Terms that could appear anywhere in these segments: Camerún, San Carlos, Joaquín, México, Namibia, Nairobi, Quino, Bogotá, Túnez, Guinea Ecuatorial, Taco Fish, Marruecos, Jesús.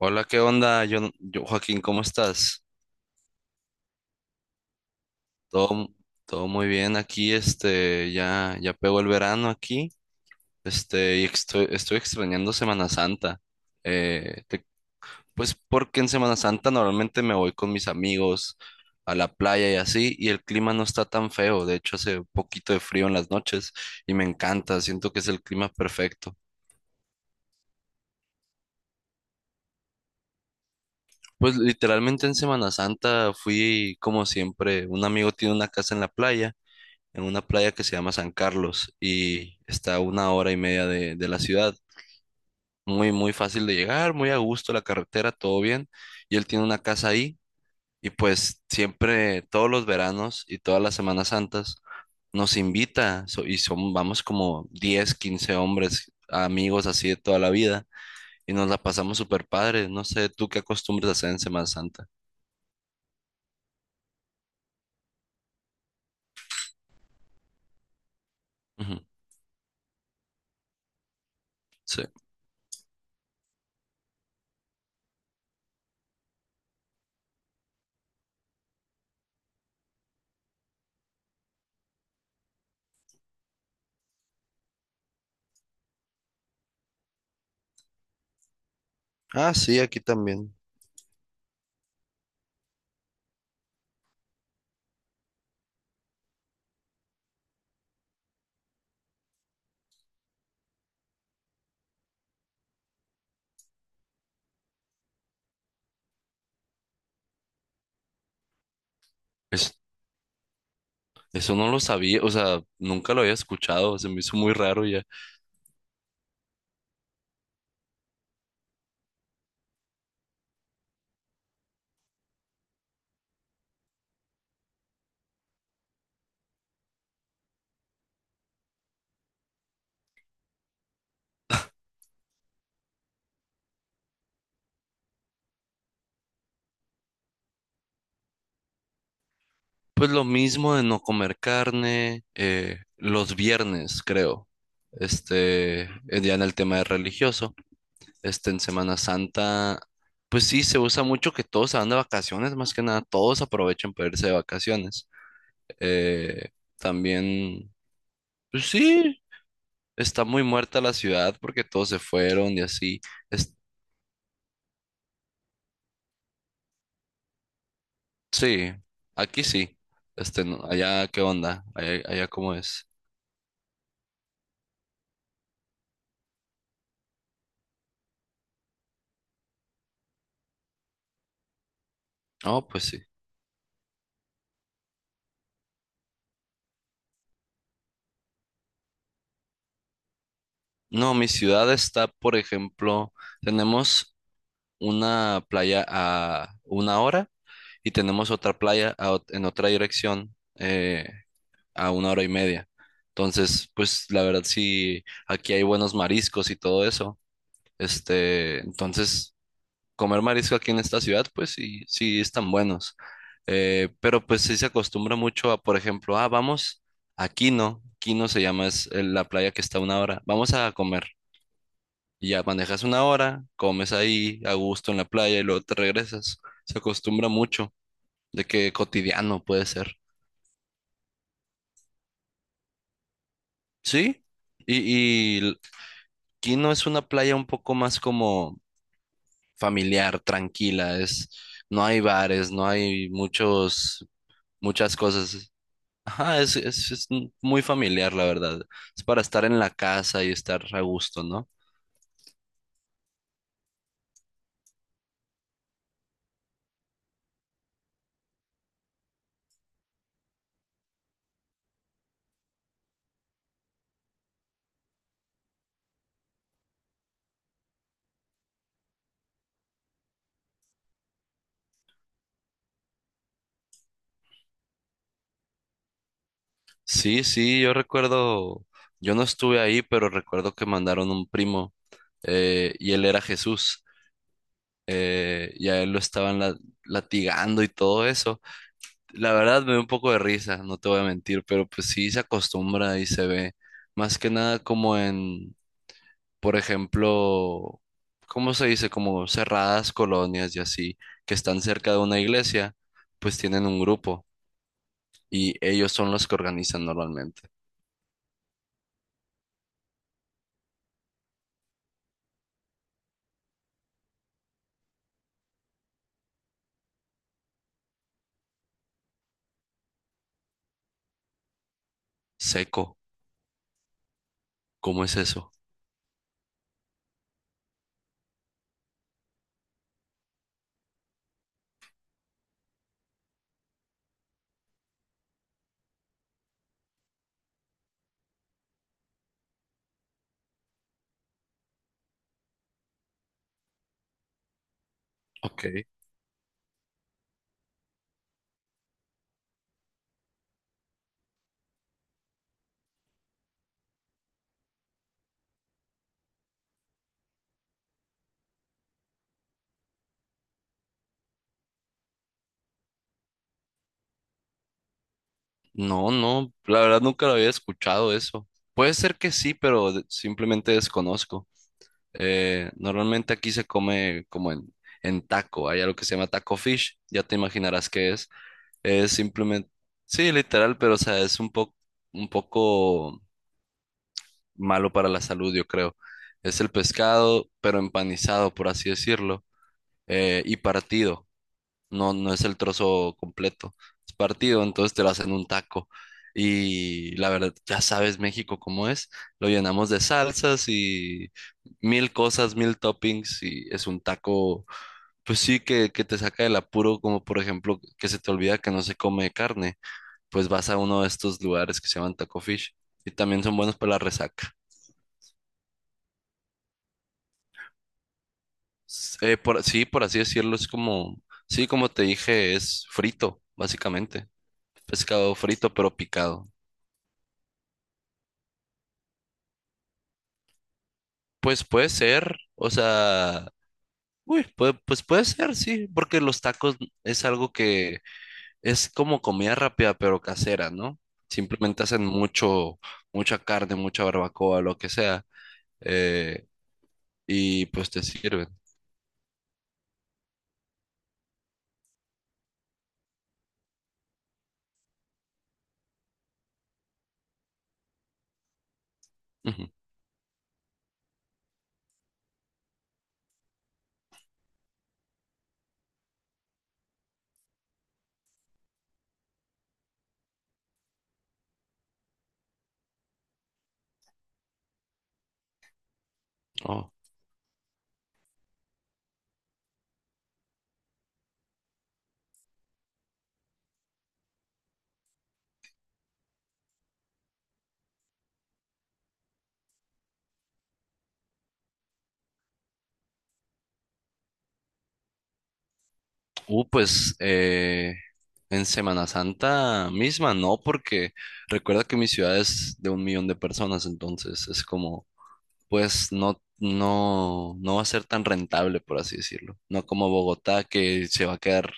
Hola, ¿qué onda? Joaquín, ¿cómo estás? Todo, todo muy bien aquí, ya pegó el verano aquí, y estoy extrañando Semana Santa. Eh, te- pues porque en Semana Santa normalmente me voy con mis amigos a la playa y así, y el clima no está tan feo, de hecho hace un poquito de frío en las noches y me encanta, siento que es el clima perfecto. Pues literalmente en Semana Santa fui como siempre, un amigo tiene una casa en la playa. En una playa que se llama San Carlos y está a una hora y media de la ciudad. Muy, muy fácil de llegar, muy a gusto la carretera, todo bien. Y él tiene una casa ahí y pues siempre, todos los veranos y todas las Semanas Santas, nos invita y son, vamos como 10 15 hombres, amigos así de toda la vida y nos la pasamos súper padre. No sé, ¿tú qué acostumbras a hacer en Semana Santa? Ujú. Sí. Ah, sí, aquí también. Eso no lo sabía, o sea, nunca lo había escuchado, se me hizo muy raro ya. Pues lo mismo de no comer carne, los viernes, creo. Ya en el tema de religioso, en Semana Santa, pues sí, se usa mucho que todos se van de vacaciones, más que nada, todos aprovechan para irse de vacaciones. Eh, también, pues sí, está muy muerta la ciudad porque todos se fueron y así. Sí, aquí sí. Allá, ¿qué onda? Allá, ¿cómo es? Oh, pues sí. No, mi ciudad está, por ejemplo, tenemos una playa a una hora y tenemos otra playa en otra dirección a una hora y media. Entonces, pues la verdad sí, aquí hay buenos mariscos y todo eso. Entonces comer marisco aquí en esta ciudad, pues sí, sí están buenos. Pero pues sí se acostumbra mucho a, por ejemplo, ah, vamos a Quino, Quino se llama, es la playa que está a una hora, vamos a comer. Y ya manejas una hora, comes ahí a gusto en la playa y luego te regresas. Se acostumbra mucho de que cotidiano puede ser. Sí, y, y l- Quino es una playa un poco más como familiar, tranquila, es, no hay bares, no hay muchas cosas. Ajá, es muy familiar, la verdad. Es para estar en la casa y estar a gusto, ¿no? Sí, sí, yo recuerdo, yo no estuve ahí, pero recuerdo que mandaron un primo y él era Jesús y a él lo estaban latigando y todo eso. La verdad me dio un poco de risa, no te voy a mentir, pero pues sí se acostumbra y se ve más que nada como en... por ejemplo, ¿cómo se dice? Como cerradas colonias y así, que están cerca de una iglesia, pues tienen un grupo y ellos son los que organizan normalmente. Seco, ¿cómo es eso? Ok. No, no, la verdad nunca lo había escuchado eso. Puede ser que sí, pero simplemente desconozco. Normalmente aquí se come como en taco, hay algo que se llama taco fish, ya te imaginarás qué es. Es simplemente, sí, literal, pero o sea, es un poco malo para la salud, yo creo. Es el pescado, pero empanizado, por así decirlo, y partido. No, no es el trozo completo. Es partido, entonces te lo hacen un taco. Y la verdad, ya sabes México cómo es. Lo llenamos de salsas y mil cosas, mil toppings y es un taco, pues sí, que te saca del apuro, como por ejemplo que se te olvida que no se come carne, pues vas a uno de estos lugares que se llaman Taco Fish y también son buenos para la resaca. Sí, por así decirlo, es como, sí, como te dije, es frito, básicamente. Pescado frito, pero picado. Pues puede ser, o sea, uy, pues puede ser, sí, porque los tacos es algo que es como comida rápida, pero casera, ¿no? Simplemente hacen mucha carne, mucha barbacoa, lo que sea, eh, y pues te sirven. Ujú. Oh. Pues en Semana Santa misma, no, porque recuerda que mi ciudad es de 1 millón de personas, entonces es como, pues no, no, no va a ser tan rentable, por así decirlo. No como Bogotá, que se va a quedar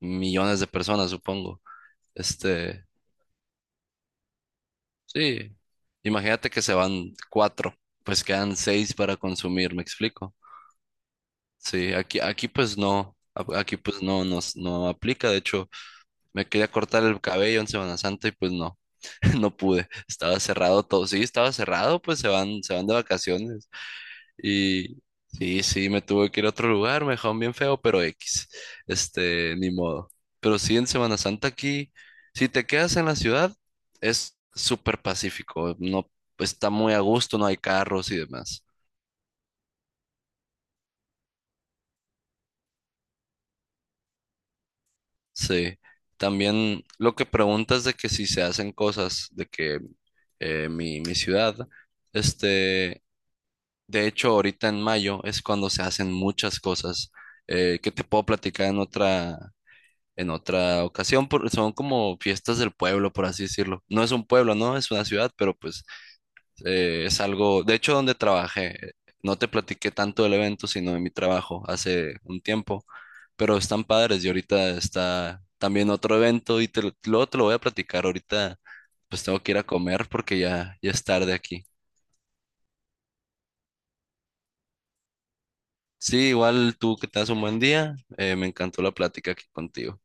millones de personas, supongo. Este, sí, imagínate que se van cuatro, pues quedan seis para consumir, ¿me explico? Sí, aquí, aquí pues no, aquí pues no, no, no aplica, de hecho. Me quería cortar el cabello en Semana Santa y pues no, no pude. Estaba cerrado todo. Sí, estaba cerrado, pues se van de vacaciones. Y sí, sí, me tuve que ir a otro lugar, me dejaron bien feo, pero X. Ni modo. Pero sí, en Semana Santa aquí, si te quedas en la ciudad, es súper pacífico. No, está muy a gusto, no hay carros y demás. Sí. También lo que preguntas de que si se hacen cosas, de que mi ciudad. Este, De hecho, ahorita en mayo es cuando se hacen muchas cosas que te puedo platicar en otra ocasión, porque son como fiestas del pueblo, por así decirlo. No es un pueblo, ¿no? Es una ciudad, pero pues es algo, de hecho, donde trabajé, no te platiqué tanto del evento, sino de mi trabajo hace un tiempo, pero están padres y ahorita está también otro evento luego te lo voy a platicar ahorita, pues tengo que ir a comer porque ya es tarde aquí. Sí, igual tú que tengas un buen día. Me encantó la plática aquí contigo.